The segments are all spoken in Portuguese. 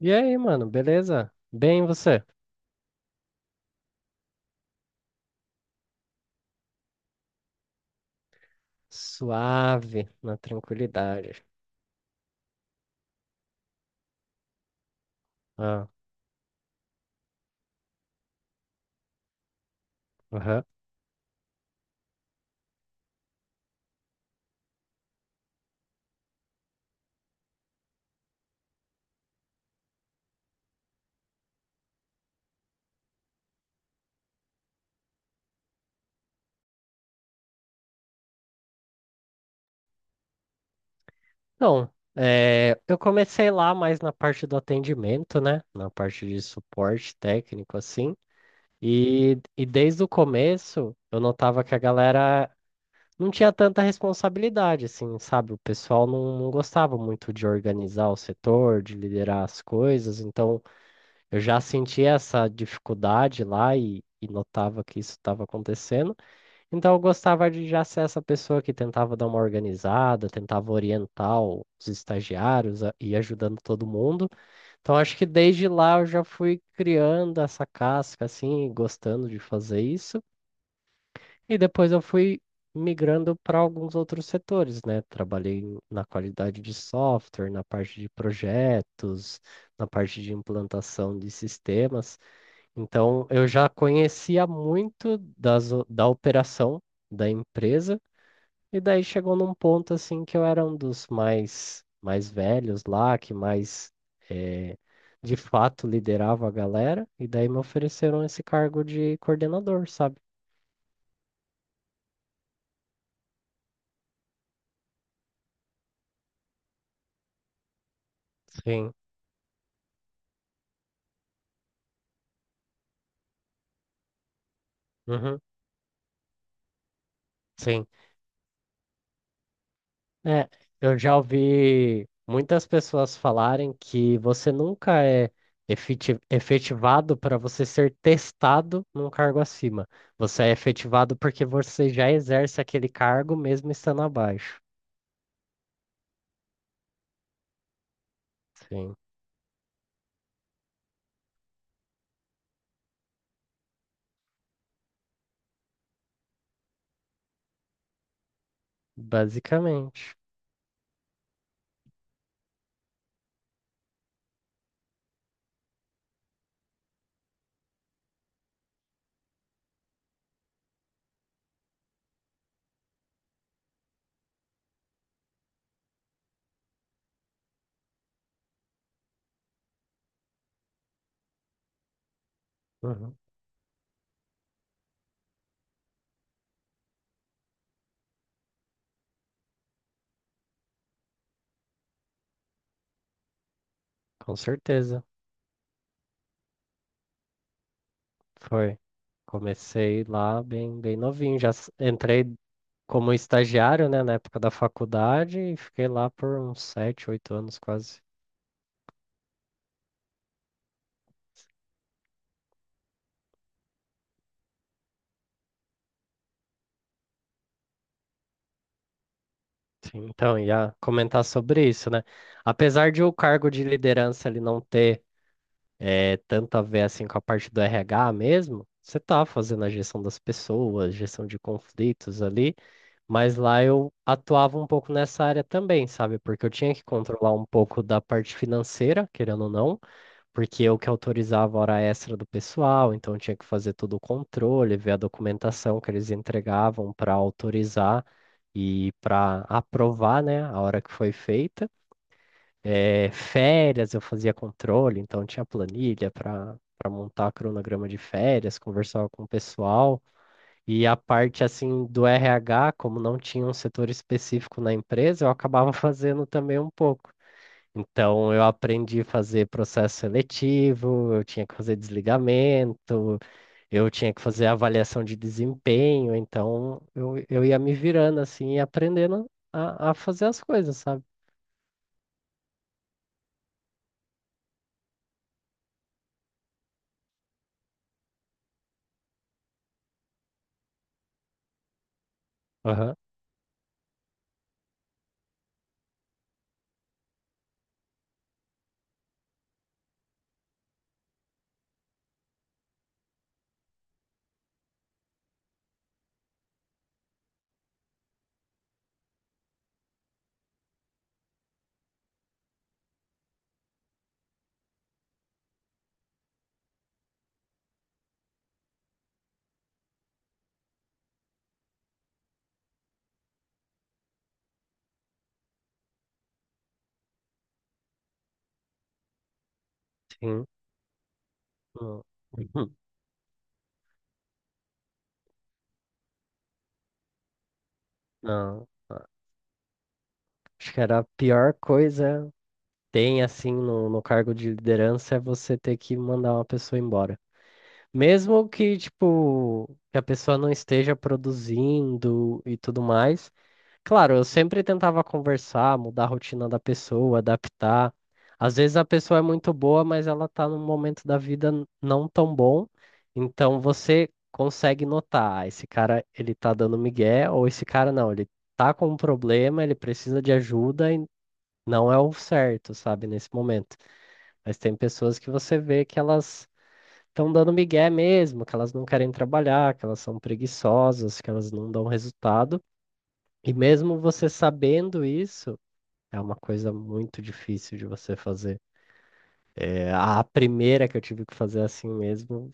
E aí, mano, beleza? Bem, e você? Suave, na tranquilidade. Ah, aham. Então, eu comecei lá mais na parte do atendimento, né? Na parte de suporte técnico, assim. E desde o começo, eu notava que a galera não tinha tanta responsabilidade, assim, sabe? O pessoal não gostava muito de organizar o setor, de liderar as coisas. Então, eu já sentia essa dificuldade lá e notava que isso estava acontecendo. Então eu gostava de já ser essa pessoa que tentava dar uma organizada, tentava orientar os estagiários e ajudando todo mundo. Então acho que desde lá eu já fui criando essa casca assim, e gostando de fazer isso. E depois eu fui migrando para alguns outros setores, né? Trabalhei na qualidade de software, na parte de projetos, na parte de implantação de sistemas. Então eu já conhecia muito da operação da empresa, e daí chegou num ponto assim que eu era um dos mais velhos lá, que mais eh, de fato liderava a galera, e daí me ofereceram esse cargo de coordenador, sabe? Sim. Uhum. Sim. É, eu já ouvi muitas pessoas falarem que você nunca é efetivado para você ser testado num cargo acima. Você é efetivado porque você já exerce aquele cargo mesmo estando abaixo. Sim. Basicamente. Uhum. Com certeza. Foi. Comecei lá bem, bem novinho. Já entrei como estagiário, né, na época da faculdade e fiquei lá por uns 7, 8 anos quase. Sim, então, ia comentar sobre isso, né? Apesar de o cargo de liderança ele não ter tanto a ver assim com a parte do RH mesmo, você tá fazendo a gestão das pessoas, gestão de conflitos ali, mas lá eu atuava um pouco nessa área também, sabe? Porque eu tinha que controlar um pouco da parte financeira, querendo ou não, porque eu que autorizava a hora extra do pessoal, então eu tinha que fazer todo o controle, ver a documentação que eles entregavam para autorizar e para aprovar, né, a hora que foi feita. Férias eu fazia controle, então tinha planilha para montar cronograma de férias, conversava com o pessoal. E a parte assim do RH, como não tinha um setor específico na empresa, eu acabava fazendo também um pouco. Então eu aprendi a fazer processo seletivo, eu tinha que fazer desligamento, eu tinha que fazer avaliação de desempenho, então eu ia me virando assim e aprendendo a fazer as coisas, sabe? Aham, sim. Hum. Não, acho que era a pior coisa. Tem assim no cargo de liderança é você ter que mandar uma pessoa embora. Mesmo que, tipo, que a pessoa não esteja produzindo e tudo mais. Claro, eu sempre tentava conversar, mudar a rotina da pessoa, adaptar. Às vezes a pessoa é muito boa, mas ela tá num momento da vida não tão bom. Então você consegue notar, "Ah, esse cara, ele tá dando migué, ou esse cara não, ele tá com um problema, ele precisa de ajuda e não é o certo, sabe, nesse momento." Mas tem pessoas que você vê que elas estão dando migué mesmo, que elas não querem trabalhar, que elas são preguiçosas, que elas não dão resultado. E mesmo você sabendo isso, é uma coisa muito difícil de você fazer. É, a primeira que eu tive que fazer assim mesmo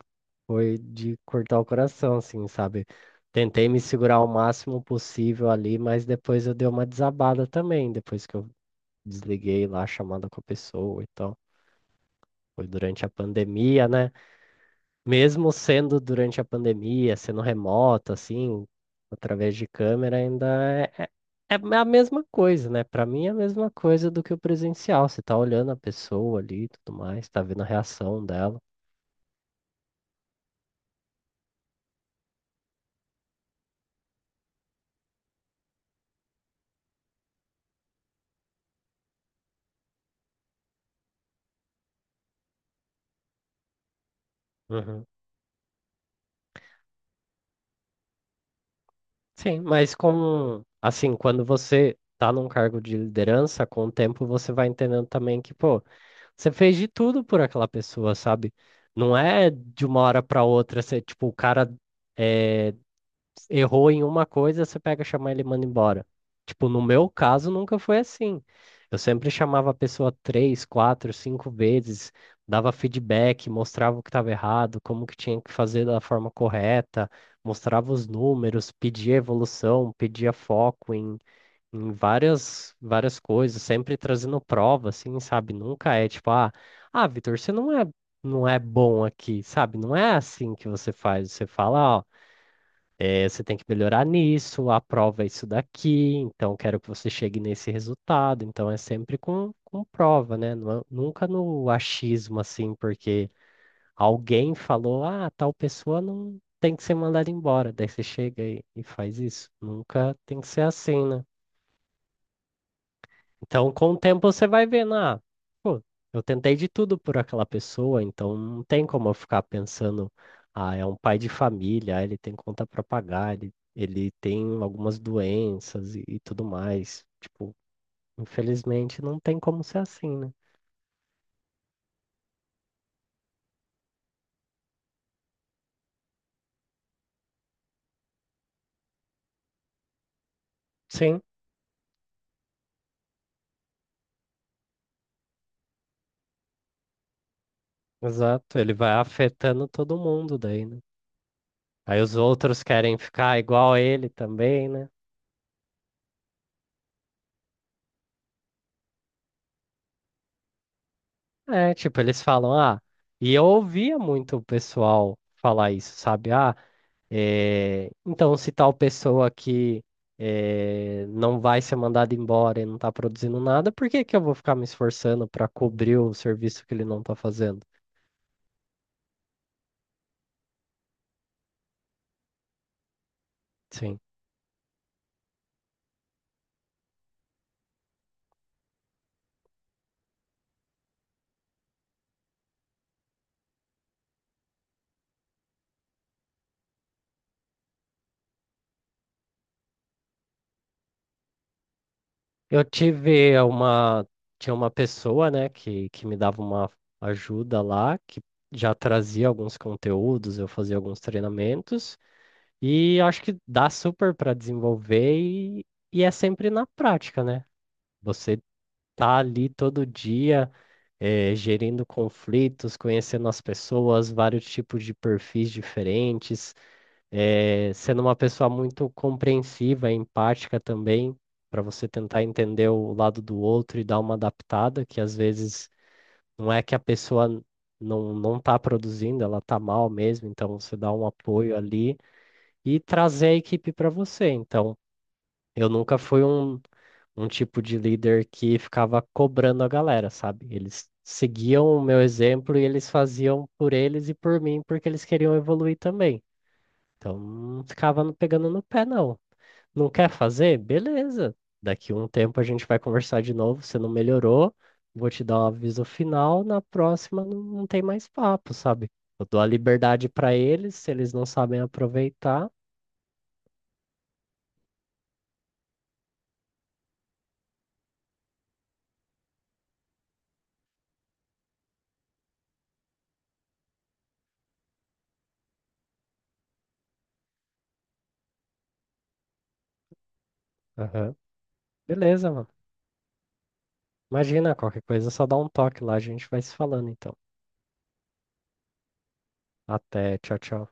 foi de cortar o coração, assim, sabe? Tentei me segurar o máximo possível ali, mas depois eu dei uma desabada também, depois que eu desliguei lá a chamada com a pessoa e tal. Foi durante a pandemia, né? Mesmo sendo durante a pandemia, sendo remoto, assim, através de câmera, ainda é, é é a mesma coisa, né? Para mim é a mesma coisa do que o presencial. Você tá olhando a pessoa ali e tudo mais, tá vendo a reação dela. Uhum. Sim, mas com, assim, quando você tá num cargo de liderança, com o tempo você vai entendendo também que, pô, você fez de tudo por aquela pessoa, sabe? Não é de uma hora pra outra, você, tipo, o cara eh, errou em uma coisa, você pega, chama ele e manda embora. Tipo, no meu caso, nunca foi assim. Eu sempre chamava a pessoa três, quatro, cinco vezes, dava feedback, mostrava o que estava errado, como que tinha que fazer da forma correta, mostrava os números, pedia evolução, pedia foco em, várias coisas, sempre trazendo prova, assim, sabe? Nunca é tipo, ah, Vitor, você não é, não é bom aqui, sabe? Não é assim que você faz. Você fala, ó. É, você tem que melhorar nisso, a prova é isso daqui, então quero que você chegue nesse resultado. Então é sempre com prova, né? Nunca no achismo assim, porque alguém falou, ah, tal pessoa não tem que ser mandada embora. Daí você chega e faz isso. Nunca tem que ser assim, né? Então, com o tempo, você vai vendo, ah, pô, eu tentei de tudo por aquela pessoa, então não tem como eu ficar pensando, ah, é um pai de família, ah, ele tem conta para pagar, ele tem algumas doenças e tudo mais. Tipo, infelizmente, não tem como ser assim, né? Sim, exato. Ele vai afetando todo mundo daí, né? Aí os outros querem ficar igual a ele também, né? É, tipo, eles falam, ah, e eu ouvia muito o pessoal falar isso, sabe? Ah, então, se tal pessoa aqui não vai ser mandada embora e não está produzindo nada, por que que eu vou ficar me esforçando para cobrir o serviço que ele não está fazendo? Sim. Eu tive uma, tinha uma pessoa, né, que me dava uma ajuda lá, que já trazia alguns conteúdos, eu fazia alguns treinamentos, e acho que dá super para desenvolver e é sempre na prática, né? Você tá ali todo dia gerindo conflitos, conhecendo as pessoas, vários tipos de perfis diferentes, sendo uma pessoa muito compreensiva, empática também, para você tentar entender o lado do outro e dar uma adaptada, que às vezes não é que a pessoa não está produzindo, ela está mal mesmo, então você dá um apoio ali e trazer a equipe para você. Então, eu nunca fui um tipo de líder que ficava cobrando a galera, sabe? Eles seguiam o meu exemplo e eles faziam por eles e por mim porque eles queriam evoluir também. Então não ficava pegando no pé, não. Não quer fazer? Beleza. Daqui um tempo a gente vai conversar de novo. Você não melhorou, vou te dar um aviso final. Na próxima não, não tem mais papo, sabe? Eu dou a liberdade pra eles, se eles não sabem aproveitar. Aham. Beleza, mano. Imagina, qualquer coisa, é só dá um toque lá, a gente vai se falando, então. Até. Tchau, tchau.